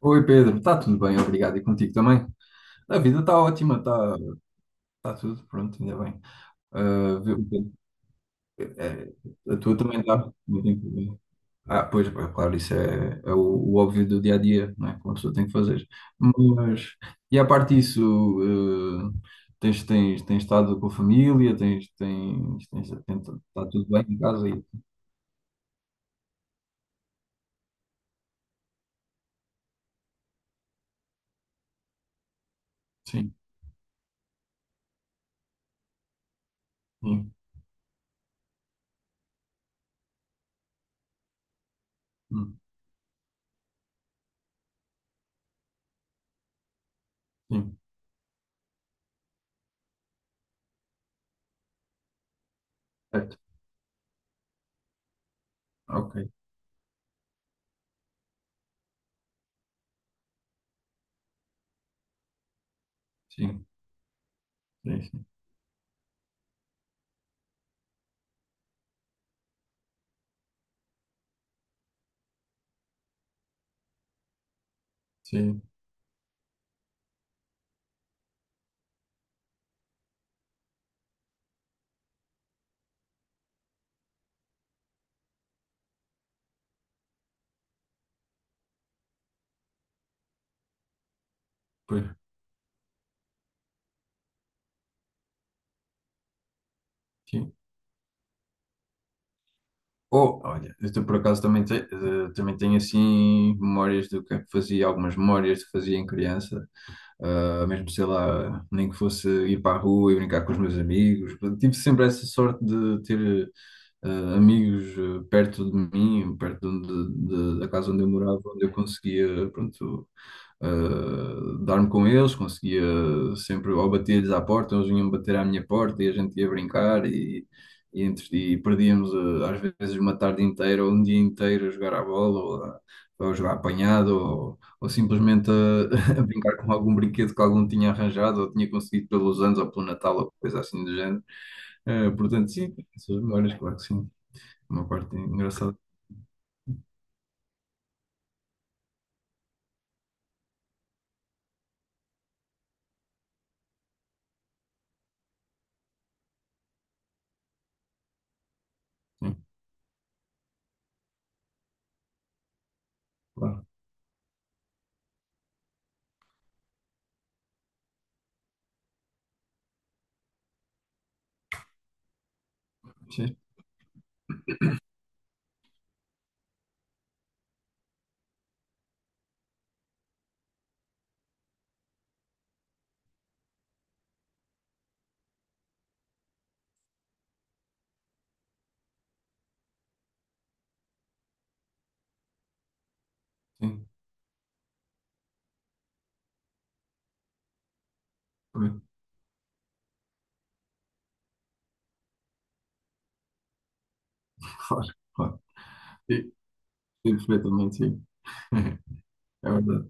Oi Pedro, está tudo bem, obrigado. E contigo também? A vida está ótima, está tá tudo pronto, ainda bem. Ah, viu, Pedro, é, a tua também está. Ah, pois, pá, claro, isso é o óbvio do dia a dia, não é? Que uma pessoa tem que fazer. Mas, e à parte disso, eh, tens estado com a família, tens, está tudo bem em casa aí? Sim, sim, hum, sim, certo, ok, sim, sim, sim, sim, pois, sim. Oh, olha, por acaso também, também tenho assim memórias do que é que fazia, algumas memórias que fazia em criança. Ah, mesmo sei lá, nem que fosse ir para a rua e brincar com os meus amigos. Tive sempre essa sorte de ter eh, amigos, perto de mim, perto de, da casa onde eu morava, onde eu conseguia, pronto, dar-me com eles, conseguia sempre, ou bater-lhes à porta, eles vinham bater à minha porta e a gente ia brincar e, perdíamos, às vezes uma tarde inteira ou um dia inteiro a jogar à bola ou a jogar apanhado ou simplesmente a, a brincar com algum brinquedo que algum tinha arranjado ou tinha conseguido pelos anos ou pelo Natal ou coisa assim do género. Portanto, sim, essas memórias, claro que sim. Uma parte engraçada. Sim, claro. Sim, sim. Claro, claro. Sim, sim, perfeitamente, sim. É verdade,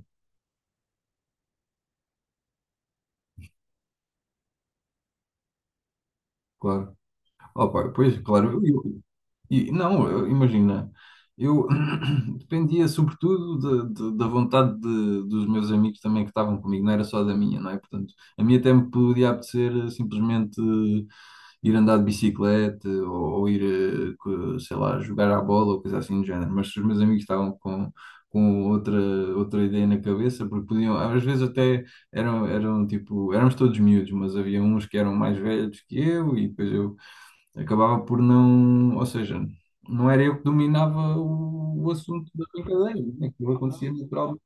claro. Oh, pá, pois, claro, não, imagina, eu dependia sobretudo da vontade dos meus amigos também que estavam comigo, não era só da minha, não é? Portanto, a minha até me podia apetecer, simplesmente, ir andar de bicicleta, ou ir, sei lá, jogar à bola ou coisa assim do género, mas se os meus amigos estavam com outra ideia na cabeça, porque podiam, às vezes até eram tipo, éramos todos miúdos, mas havia uns que eram mais velhos que eu e depois eu acabava por não, ou seja, não era eu que dominava o assunto da brincadeira, né? Aquilo acontecia naturalmente.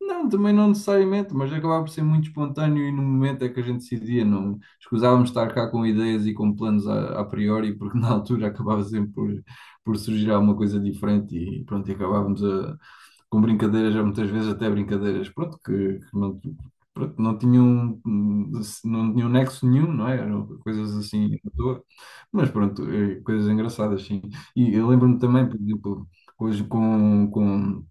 Não, também não necessariamente, mas acabava por ser muito espontâneo e no momento é que a gente decidia, não escusávamos estar cá com ideias e com planos a priori, porque na altura acabava sempre por surgir alguma coisa diferente e pronto, e acabávamos a com brincadeiras, já muitas vezes até brincadeiras, pronto, que não, pronto, não tinham, não tinham nexo nenhum, não é? Eram coisas assim à toa, mas pronto, coisas engraçadas, sim. E eu lembro-me também, por exemplo, hoje com, com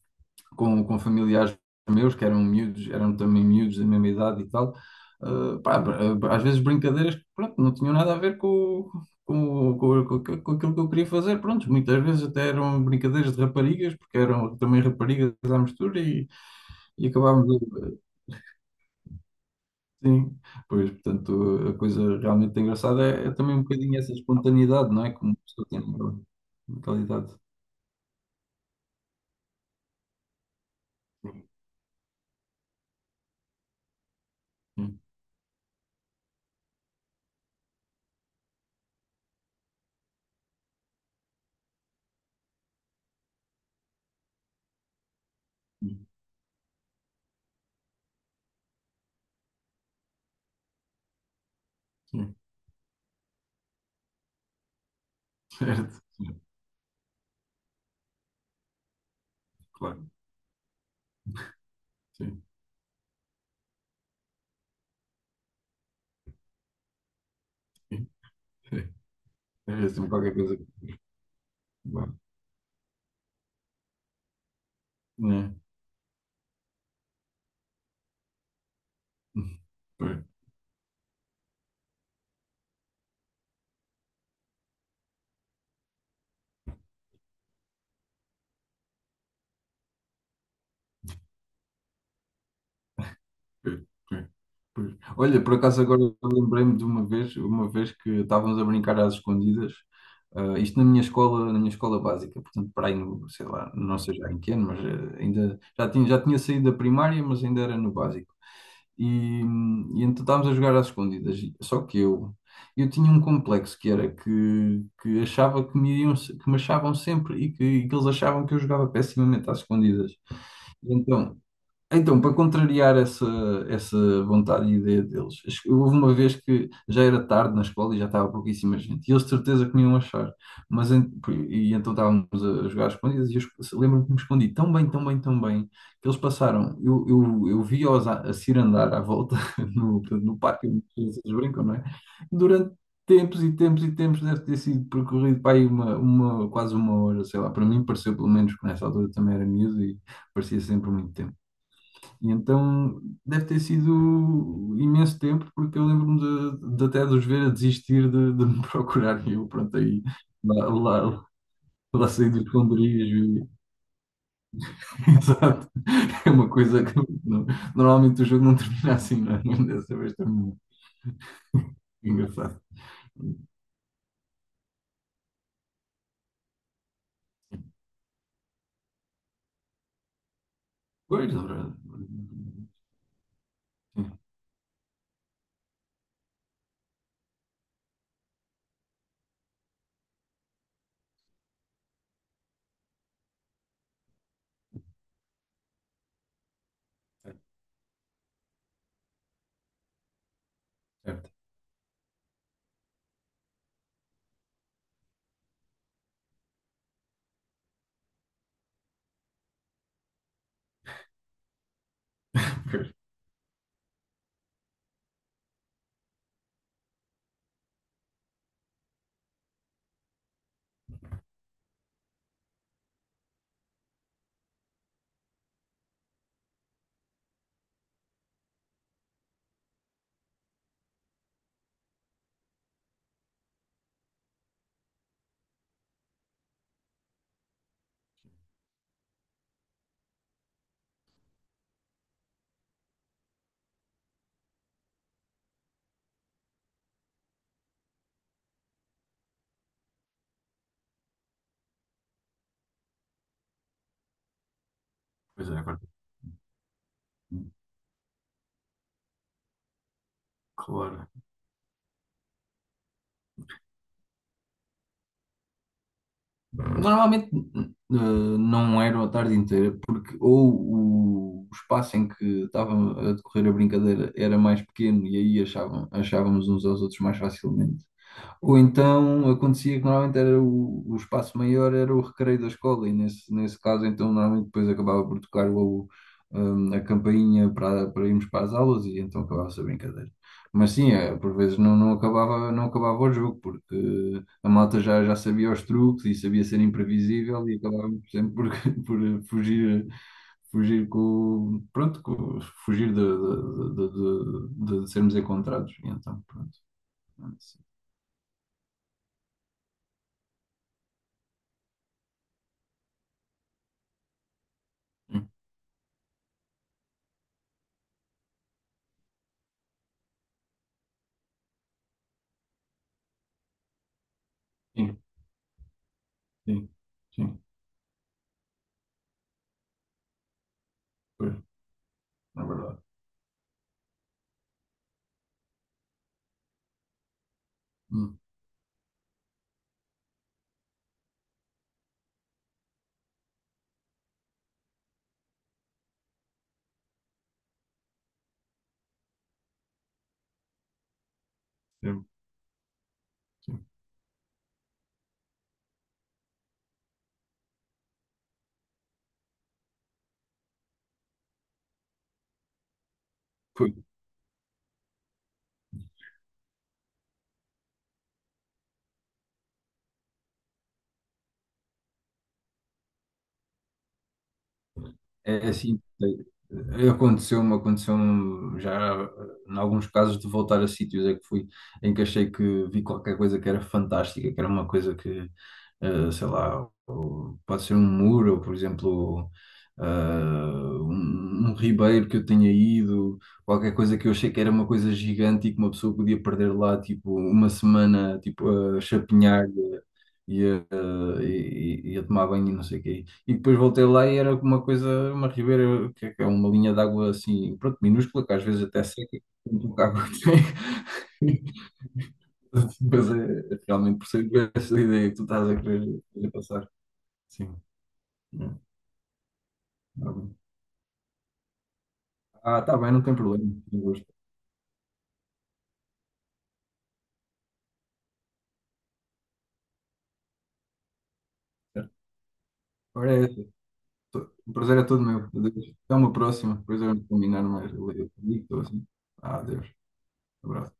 com, com familiares meus, que eram miúdos, eram também miúdos da mesma idade e tal. Pá, às vezes brincadeiras que pronto, não tinham nada a ver com aquilo que eu queria fazer. Pronto, muitas vezes até eram brincadeiras de raparigas, porque eram também raparigas à mistura e acabávamos a- sim. Pois, portanto, a coisa realmente engraçada é também um bocadinho essa espontaneidade, não é? Como a pessoa tem naquela idade. Sim, sim, sim, certo, sim, claro, sim, sim, sim. É assim qualquer coisa. Bom, né? Pois, pois, pois, pois. Olha, por acaso agora eu lembrei-me de uma vez que estávamos a brincar às escondidas, isto na minha escola básica, portanto, para aí no, sei lá, não sei já em que ano, mas, ainda já tinha, saído da primária, mas ainda era no básico. E, e então estávamos a jogar às escondidas, só que eu tinha um complexo que era que achava que me, iam, se- que me achavam sempre, e que eles achavam que eu jogava pessimamente às escondidas. Então, para contrariar essa, essa vontade e ideia deles, acho que houve uma vez que já era tarde na escola e já estava pouquíssima gente, e eles de certeza que me iam achar, mas en- e então estávamos a jogar às escondidas, e eu lembro-me que me escondi tão bem, tão bem, tão bem, que eles passaram, eu vi-os a cirandar à volta, no, no parque, onde as crianças brincam, não é? Durante tempos e tempos e tempos, deve ter sido percorrido para aí quase uma hora, sei lá, para mim pareceu pelo menos, que nessa altura também era miúdo e parecia sempre muito tempo. E então deve ter sido imenso tempo, porque eu lembro-me de até de os ver a desistir de, me procurar. E eu, pronto, aí lá, lá, lá saí dos esconderijos. E- Exato. É uma coisa que não, normalmente o jogo não termina assim, não é? Mas dessa vez terminou. Engraçado. Pois, Laura. Sim, certo. Pois, pois é, agora, claro. Normalmente não era a tarde inteira, porque ou o espaço em que estava a decorrer a brincadeira era mais pequeno e aí achavam, achávamos uns aos outros mais facilmente, ou então acontecia que normalmente era o espaço maior era o recreio da escola, e nesse caso, então, normalmente depois acabava por tocar a campainha para, para irmos para as aulas e então acabava-se a brincadeira. Mas sim, é, por vezes não, não acabava o jogo, porque a malta já sabia os truques e sabia ser imprevisível e acabávamos sempre por por fugir, fugir de sermos encontrados. E então, pronto. É assim. Sim, sim, pois, é verdade. Hum, sim, sim. Foi, é assim, é, aconteceu-me já, em alguns casos de voltar a sítios é que fui, em que achei que vi qualquer coisa que era fantástica, que era uma coisa que, sei lá, ou pode ser um muro, ou por exemplo, um ribeiro que eu tenha ido, qualquer coisa que eu achei que era uma coisa gigante e que uma pessoa podia perder lá, tipo, uma semana, tipo, a chapinhar, ia, ia tomar banho e não sei o quê. E depois voltei lá e era uma coisa, uma ribeira, que é uma linha de água assim, pronto, minúscula, que às vezes até seca, com pouca água que tem. Mas é, realmente percebo essa ideia que tu estás a querer passar. Sim. É, tá bem. Ah, tá bem, não tem problema. Eu gosto. Certo. Ora, é, essa. O prazer é todo meu. Adeus. Até uma próxima. Depois vamos combinar mais. Eu ligo, assim. Ah, adeus. Abraço.